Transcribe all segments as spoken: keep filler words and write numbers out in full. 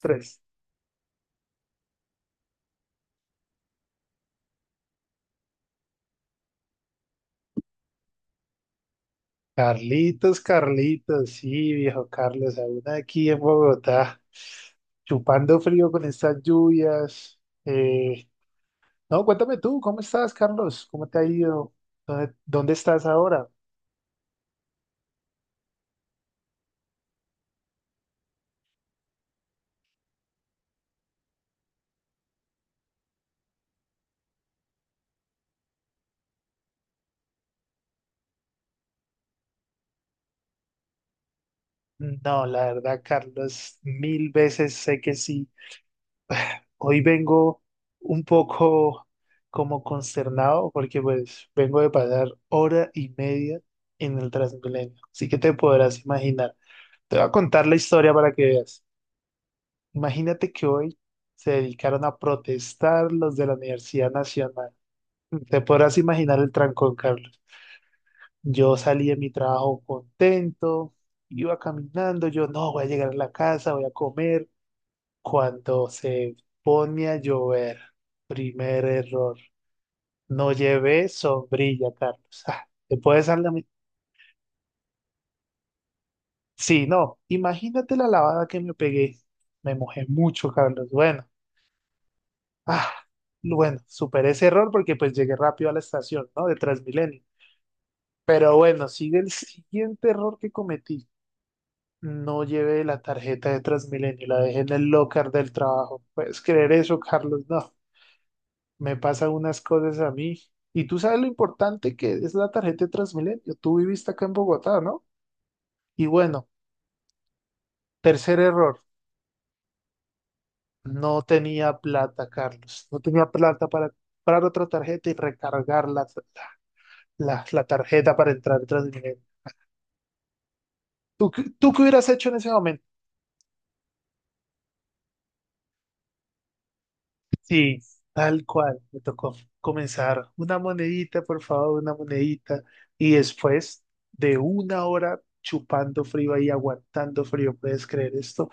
Tres. Carlitos, Carlitos, sí, viejo Carlos, aún aquí en Bogotá, chupando frío con estas lluvias. Eh, no, cuéntame tú, ¿cómo estás, Carlos? ¿Cómo te ha ido? ¿Dónde, dónde estás ahora? No, la verdad, Carlos, mil veces sé que sí. Hoy vengo un poco como consternado porque pues vengo de pasar hora y media en el Transmilenio, así que te podrás imaginar. Te voy a contar la historia para que veas. Imagínate que hoy se dedicaron a protestar los de la Universidad Nacional. Te podrás imaginar el trancón, Carlos. Yo salí de mi trabajo contento, iba caminando, yo no, voy a llegar a la casa, voy a comer. Cuando se pone a llover, primer error, no llevé sombrilla, Carlos. Ah, ¿te puedes salir? Sí, no, imagínate la lavada que me pegué. Me mojé mucho, Carlos. Bueno. Ah, bueno, superé ese error porque pues llegué rápido a la estación, ¿no? De Transmilenio. Pero bueno, sigue el siguiente error que cometí. No llevé la tarjeta de Transmilenio, la dejé en el locker del trabajo. ¿Puedes creer eso, Carlos? No, me pasan unas cosas a mí. Y tú sabes lo importante que es la tarjeta de Transmilenio. Tú viviste acá en Bogotá, ¿no? Y bueno, tercer error. No tenía plata, Carlos. No tenía plata para comprar otra tarjeta y recargarla. la, la tarjeta para entrar a Transmilenio. ¿Tú, qué- tú qué hubieras hecho en ese momento? Sí, tal cual, me tocó comenzar una monedita, por favor, una monedita. Y después de una hora chupando frío ahí, aguantando frío, ¿puedes creer esto?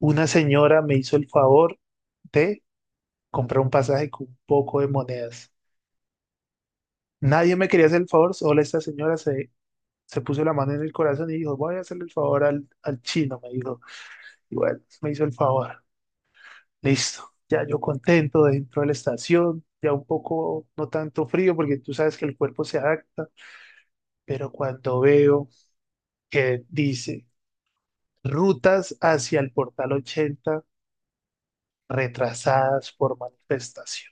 Una señora me hizo el favor de comprar un pasaje con un poco de monedas. Nadie me quería hacer el favor, solo esta señora se, se puso la mano en el corazón y dijo, voy a hacerle el favor al, al chino, me dijo. Y bueno, me hizo el favor. Listo, ya yo contento dentro de la estación, ya un poco, no tanto frío, porque tú sabes que el cuerpo se adapta, pero cuando veo que dice rutas hacia el portal ochenta retrasadas por manifestación,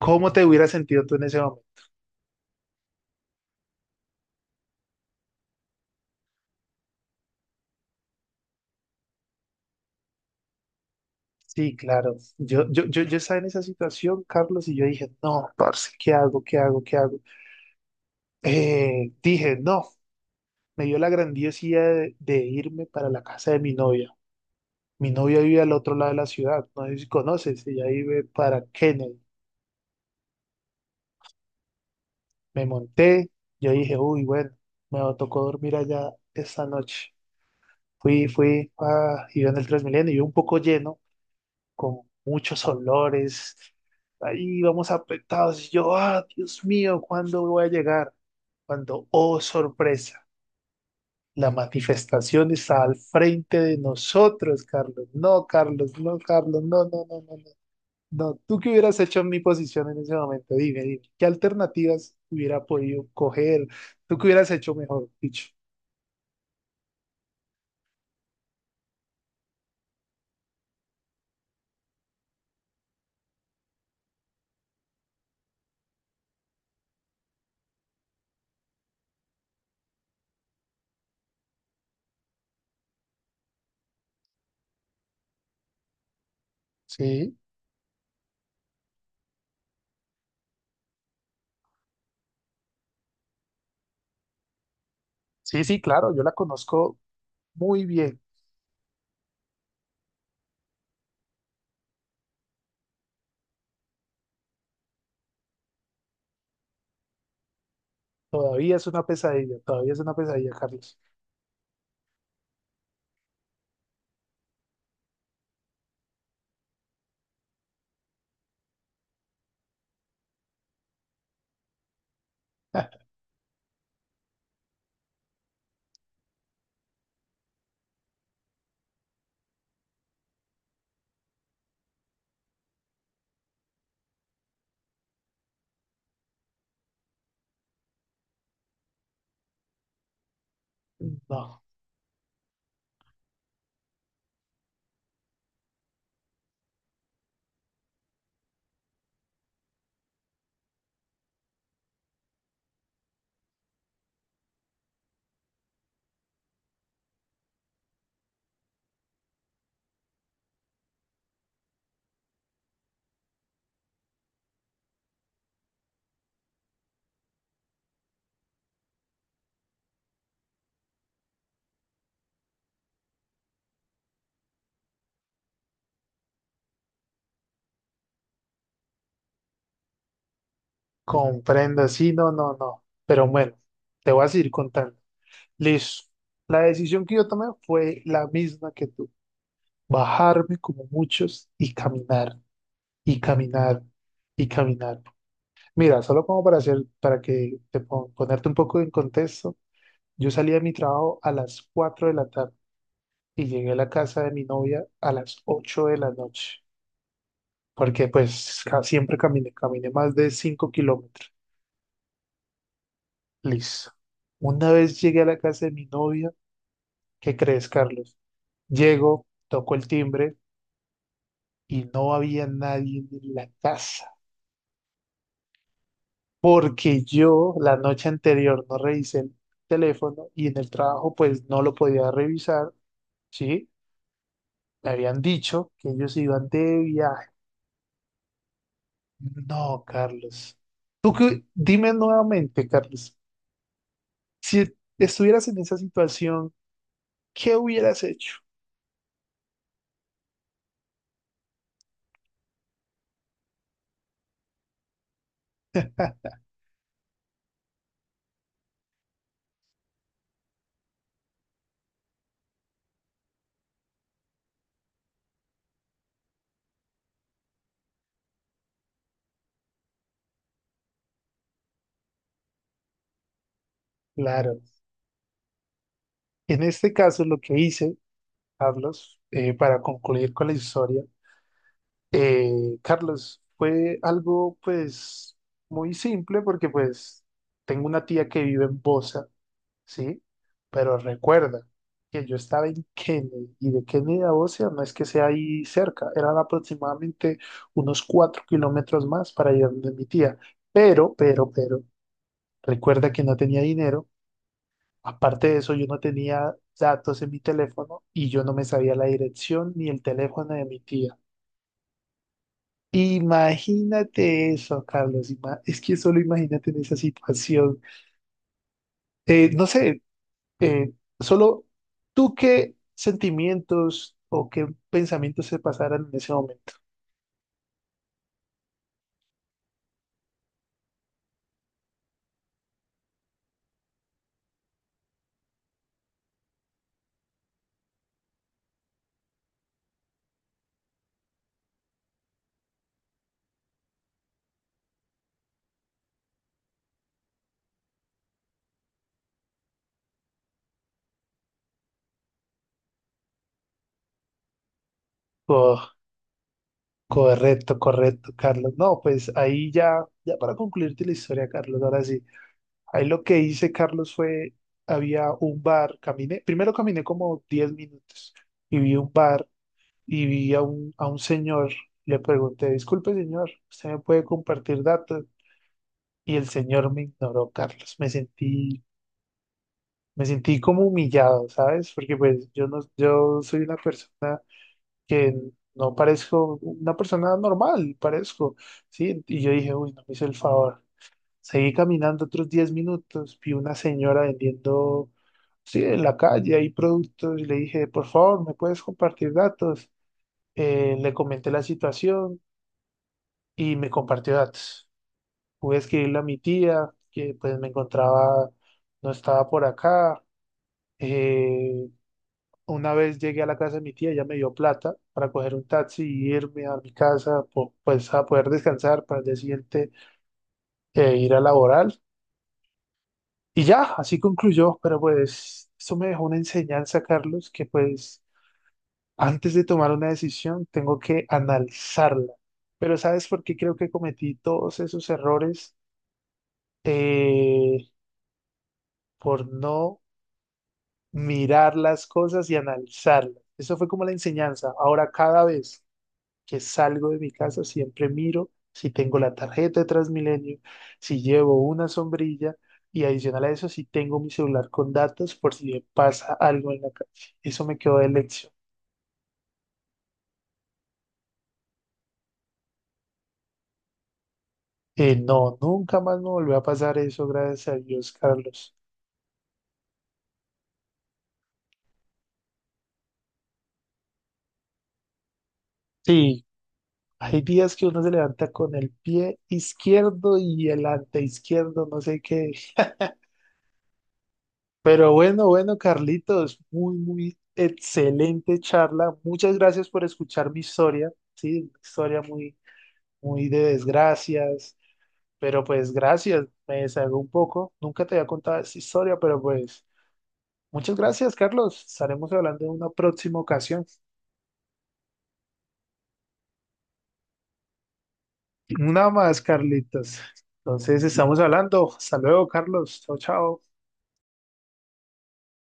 ¿cómo te hubiera sentido tú en ese momento? Sí, claro, yo, yo, yo, yo estaba en esa situación, Carlos, y yo dije, no, parce, ¿qué hago? ¿Qué hago? ¿Qué hago? Eh, dije, no, me dio la grandiosidad de de irme para la casa de mi novia. Mi novia vive al otro lado de la ciudad, no sé si conoces, ella vive para Kennedy. Me monté, yo dije, uy, bueno, me tocó dormir allá esta noche. Fui, fui, ah, iba en el Transmilenio, iba un poco lleno, con muchos olores, ahí vamos apretados. Y yo, ah, Dios mío, ¿cuándo voy a llegar? Cuando, oh, sorpresa, la manifestación está al frente de nosotros, Carlos. No, Carlos, no, Carlos, no, no, no, no, no. No, ¿tú qué hubieras hecho en mi posición en ese momento? Dime, dime, ¿qué alternativas hubiera podido coger? ¿Tú qué hubieras hecho mejor, dicho? Sí, sí, sí, claro, yo la conozco muy bien. Todavía es una pesadilla, todavía es una pesadilla, Carlos. No, comprendo, sí, no, no, no. Pero bueno, te voy a seguir contando. Listo. La decisión que yo tomé fue la misma que tú. Bajarme como muchos y caminar, y caminar, y caminar. Mira, solo como para hacer, para que te pon- ponerte un poco en contexto, yo salí de mi trabajo a las cuatro de la tarde y llegué a la casa de mi novia a las ocho de la noche, porque pues ca- siempre caminé, caminé más de cinco kilómetros. Listo. Una vez llegué a la casa de mi novia, ¿qué crees, Carlos? Llego, toco el timbre y no había nadie en la casa, porque yo la noche anterior no revisé el teléfono y en el trabajo pues no lo podía revisar. ¿Sí? Le habían dicho que ellos iban de viaje. No, Carlos. Tú que, dime nuevamente, Carlos, si estuvieras en esa situación, ¿qué hubieras hecho? Claro, en este caso lo que hice, Carlos, eh, para concluir con la historia, eh, Carlos, fue algo pues muy simple porque pues tengo una tía que vive en Bosa, ¿sí? Pero recuerda que yo estaba en Kennedy y de Kennedy a Bocia no es que sea ahí cerca, eran aproximadamente unos cuatro kilómetros más para ir donde mi tía. Pero, pero, pero, recuerda que no tenía dinero. Aparte de eso, yo no tenía datos en mi teléfono y yo no me sabía la dirección ni el teléfono de mi tía. Imagínate eso, Carlos. ima- Es que solo imagínate en esa situación. Eh, no sé, Eh, solo tú qué sentimientos o qué pensamientos se pasaran en ese momento. Oh, correcto, correcto, Carlos. No, pues ahí ya, ya para concluirte la historia, Carlos, ahora sí. Ahí lo que hice, Carlos, fue, había un bar, caminé, primero caminé como diez minutos y vi un bar y vi a un, a un señor, le pregunté, disculpe, señor, ¿usted me puede compartir datos? Y el señor me ignoró, Carlos. Me sentí. Me sentí como humillado, ¿sabes? Porque pues yo no, yo soy una persona que no parezco una persona normal, parezco, ¿sí? Y yo dije, uy, no me hizo el favor. Seguí caminando otros diez minutos, vi una señora vendiendo, sí, en la calle hay productos y le dije, por favor, ¿me puedes compartir datos? Eh, le comenté la situación y me compartió datos. Pude escribirle a mi tía, que pues me encontraba, no estaba por acá. Eh, Una vez llegué a la casa de mi tía, ella me dio plata para coger un taxi y irme a mi casa, po- pues a poder descansar para el día siguiente eh, ir a laborar. Y ya, así concluyó, pero pues eso me dejó una enseñanza, Carlos, que pues antes de tomar una decisión tengo que analizarla. Pero ¿sabes por qué creo que cometí todos esos errores? Eh, por no mirar las cosas y analizarlas. Eso fue como la enseñanza. Ahora cada vez que salgo de mi casa, siempre miro si tengo la tarjeta de Transmilenio, si llevo una sombrilla y adicional a eso, si tengo mi celular con datos por si me pasa algo en la calle. Eso me quedó de lección. Eh, no, nunca más me volvió a pasar eso, gracias a Dios, Carlos. Sí, hay días que uno se levanta con el pie izquierdo y el ante izquierdo, no sé qué. Pero bueno, bueno, Carlitos, muy, muy excelente charla. Muchas gracias por escuchar mi historia, sí, una historia muy, muy de desgracias, pero pues gracias, me deshago un poco. Nunca te había contado esta historia, pero pues muchas gracias, Carlos. Estaremos hablando en una próxima ocasión. Una más, Carlitos. Entonces, estamos hablando. Hasta luego, Carlos. Chao, chao.